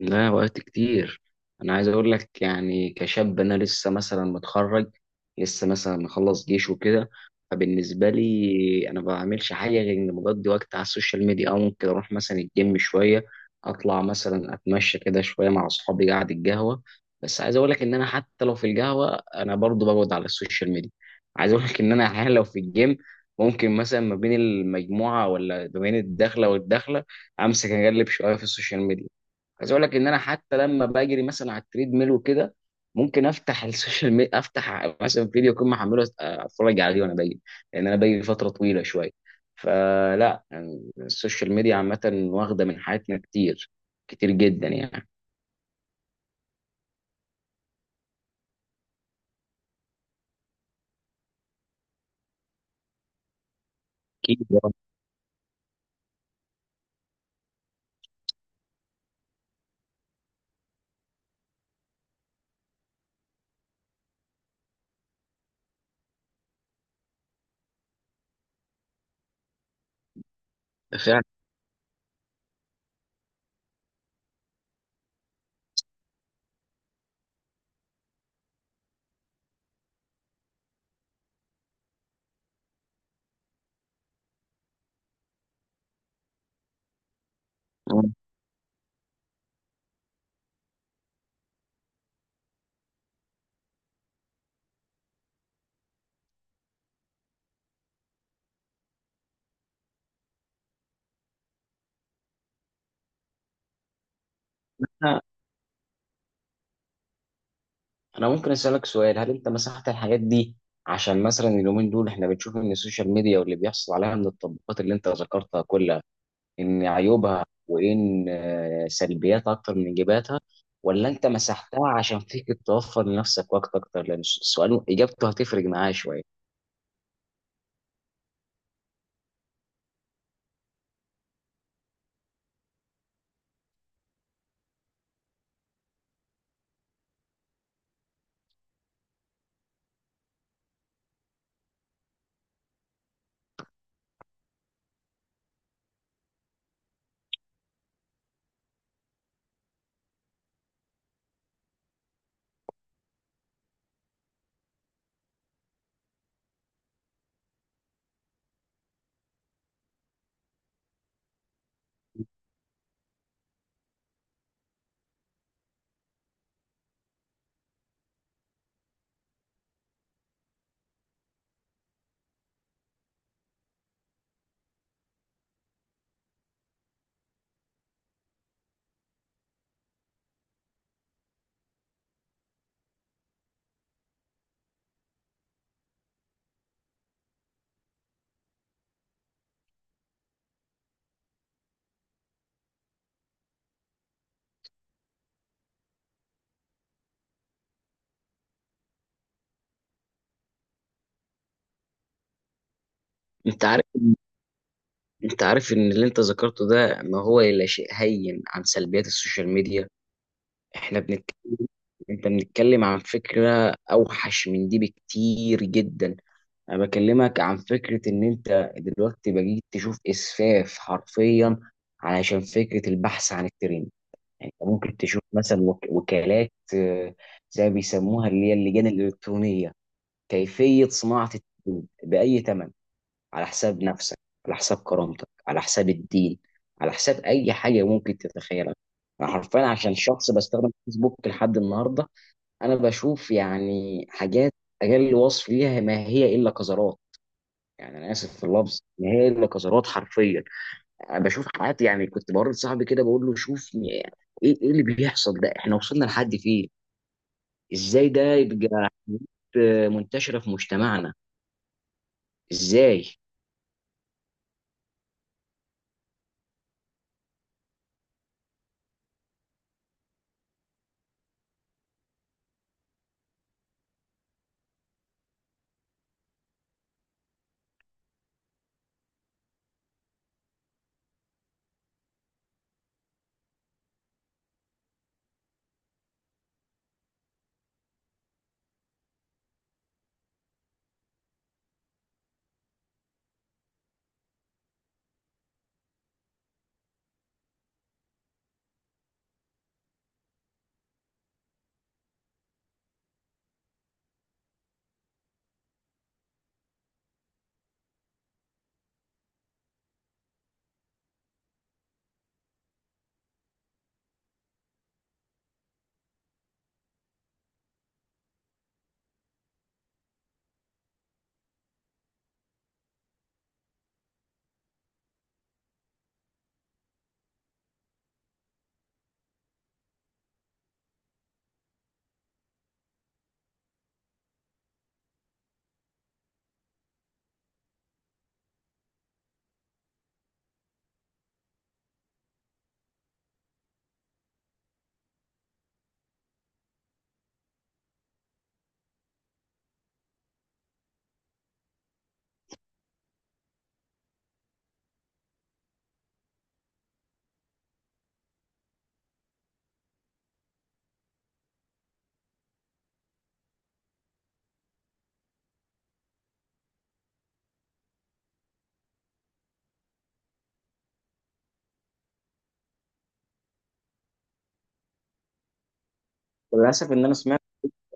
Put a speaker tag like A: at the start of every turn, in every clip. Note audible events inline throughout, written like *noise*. A: لا، وقت كتير. انا عايز اقول لك يعني كشاب انا لسه مثلا متخرج، لسه مثلا مخلص جيش وكده. فبالنسبه لي انا ما بعملش حاجه غير اني بقضي وقت على السوشيال ميديا، او ممكن اروح مثلا الجيم شويه، اطلع مثلا اتمشى كده شويه مع اصحابي قاعد القهوه. بس عايز اقول لك ان انا حتى لو في القهوه انا برضو بقعد على السوشيال ميديا. عايز اقول لك ان انا *laughs* احيانا لو في الجيم، ممكن مثلا ما بين المجموعه ولا ما بين الدخله والدخله امسك اقلب شويه في السوشيال ميديا. عايز اقول لك ان انا حتى لما بجري مثلا على التريد ميل وكده، ممكن افتح السوشيال ميديا، افتح مثلا فيديو اكون محمله اتفرج عليه وانا بجري. لان انا بجري فتره طويله شويه. فلا، يعني السوشيال ميديا عامه واخده من حياتنا كتير، كتير جدا يعني. اكيد. آه، فعلا. آه. انا أنا ممكن اسالك سؤال، هل انت مسحت الحاجات دي عشان مثلا اليومين دول احنا بنشوف ان السوشيال ميديا واللي بيحصل عليها من التطبيقات اللي انت ذكرتها كلها ان عيوبها وان سلبياتها اكتر من ايجاباتها، ولا انت مسحتها عشان فيك توفر لنفسك وقت اكتر؟ لان السؤال اجابته هتفرق معايا شويه. انت عارف انت عارف ان اللي انت ذكرته ده ما هو الا شيء هين عن سلبيات السوشيال ميديا. احنا بنتكلم انت بنتكلم عن فكره اوحش من دي بكتير جدا. انا بكلمك عن فكره ان انت دلوقتي بقيت تشوف اسفاف حرفيا علشان فكره البحث عن الترند. يعني أنت ممكن تشوف مثلا وكالات، زي ما بيسموها اللي هي اللجان الإلكترونية. كيفية صناعة التدين بأي ثمن، على حساب نفسك، على حساب كرامتك، على حساب الدين، على حساب أي حاجة ممكن تتخيلها. أنا حرفيا عشان شخص بستخدم فيسبوك لحد النهاردة، أنا بشوف يعني حاجات أقل وصف ليها ما هي إلا قذرات. يعني أنا آسف في اللفظ، ما هي إلا قذرات حرفيا. بشوف حالات، يعني كنت بورد صاحبي كده بقول له شوف ايه، إيه اللي بيحصل ده؟ احنا وصلنا لحد فين؟ ازاي ده يبقى؟ حاجات، منتشرة في مجتمعنا، ازاي؟ للأسف إن أنا سمعت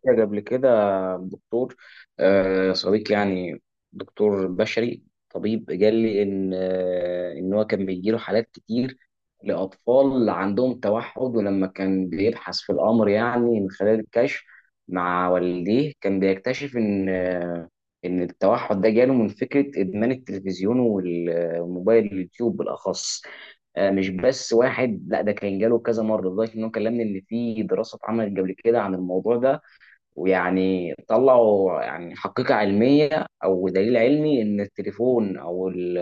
A: كده قبل كده دكتور، صديق يعني، دكتور بشري طبيب، قال لي ان ان هو كان بيجيله حالات كتير لاطفال عندهم توحد، ولما كان بيبحث في الامر يعني من خلال الكشف مع والديه كان بيكتشف ان ان التوحد ده جاله من فكره ادمان التلفزيون والموبايل، اليوتيوب بالاخص. مش بس واحد، لا، ده كان جاله كذا مره، لدرجه ان هو كلمني ان في دراسه اتعملت قبل كده عن الموضوع ده، ويعني طلعوا يعني حقيقة علمية أو دليل علمي إن التليفون أو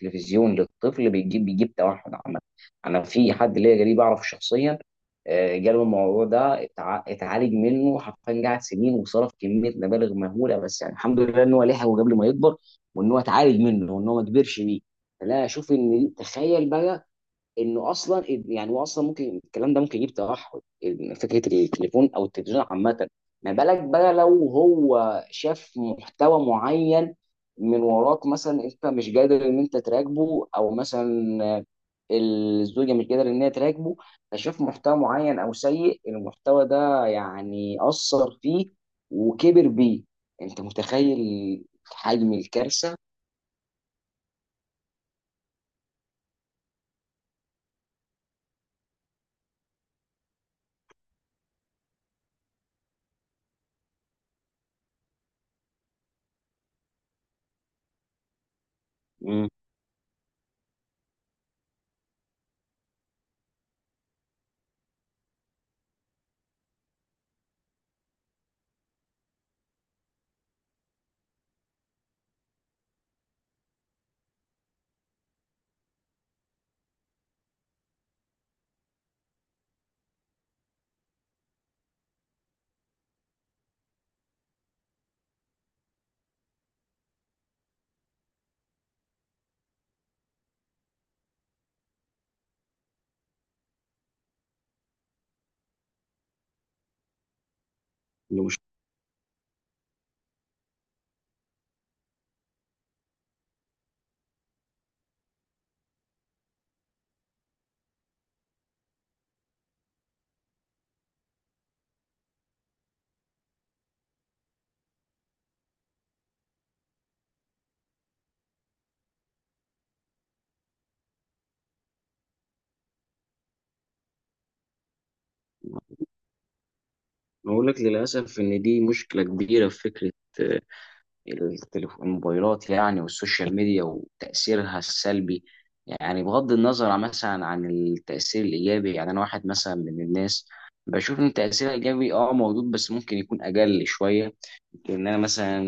A: التلفزيون للطفل بيجيب توحد عامة. أنا في حد ليا قريب أعرفه شخصيا، جاله الموضوع ده، اتعالج منه حرفيا، قعد سنين وصرف كمية مبالغ مهولة، بس يعني الحمد لله إن هو لحقه قبل ما يكبر وإن هو اتعالج منه وإن هو ما كبرش بيه. فلا، أشوف إن تخيل بقى انه اصلا، يعني هو اصلا ممكن الكلام ده ممكن يجيب توحد، إن فكره التليفون او التلفزيون عامه. ما بالك بقى لو هو شاف محتوى معين من وراك، مثلا انت مش قادر ان انت تراقبه، او مثلا الزوجه مش قادره ان هي تراقبه، فشاف محتوى معين او سيء، المحتوى ده يعني اثر فيه وكبر بيه. انت متخيل حجم الكارثه؟ مم. مش- بقول لك للاسف ان دي مشكله كبيره في فكره الموبايلات يعني، والسوشيال ميديا وتأثيرها السلبي. يعني بغض النظر مثلا عن التأثير الإيجابي، يعني أنا واحد مثلا من الناس بشوف إن التأثير الإيجابي أه موجود، بس ممكن يكون أقل شوية. لأن أنا مثلا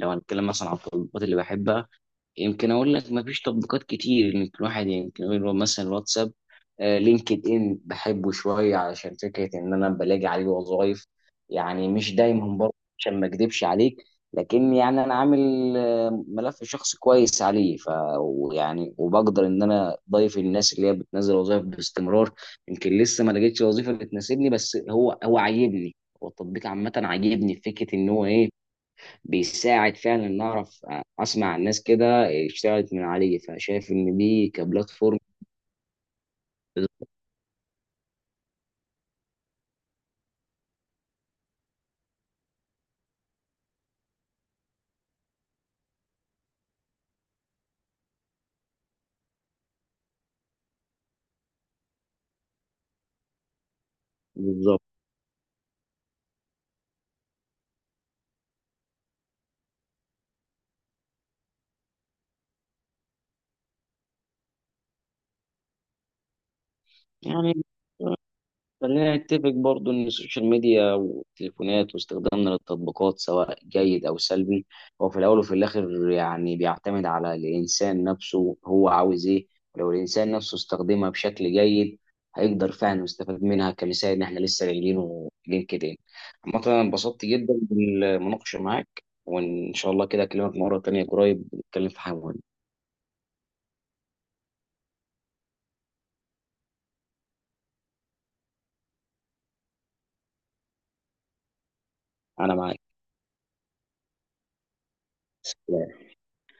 A: لو هنتكلم مثلا عن التطبيقات اللي بحبها، يمكن اقول لك مفيش تطبيقات كتير، يمكن الواحد يمكن يقول مثلا الواتساب، لينكد ان بحبه شويه علشان فكره ان انا بلاقي عليه وظائف. يعني مش دايما برضه، عشان ما اكدبش عليك، لكن يعني انا عامل ملف شخصي كويس عليه، ف ويعني وبقدر ان انا ضايف الناس اللي هي بتنزل وظائف باستمرار. يمكن لسه ما لقيتش وظيفه اللي تناسبني، بس هو عاجبني، هو التطبيق عامه عاجبني في فكره ان هو ايه، بيساعد فعلا ان اعرف، اسمع عن ناس كده اشتغلت من عليه، فشايف ان دي كبلاتفورم. بالظبط. يعني خلينا نتفق برضو ان السوشيال ميديا والتليفونات واستخدامنا للتطبيقات سواء جيد او سلبي، هو في الاول وفي الاخر يعني بيعتمد على الانسان نفسه، هو عاوز ايه. ولو الانسان نفسه استخدمها بشكل جيد هيقدر فعلا يستفاد منها، كمثال ان احنا لسه قايلينه لينكد ان. عامة انا انبسطت جدا بالمناقشة معاك، وان شاء الله كده اكلمك مرة تانية قريب نتكلم في حاجة مهمة. انا معاك.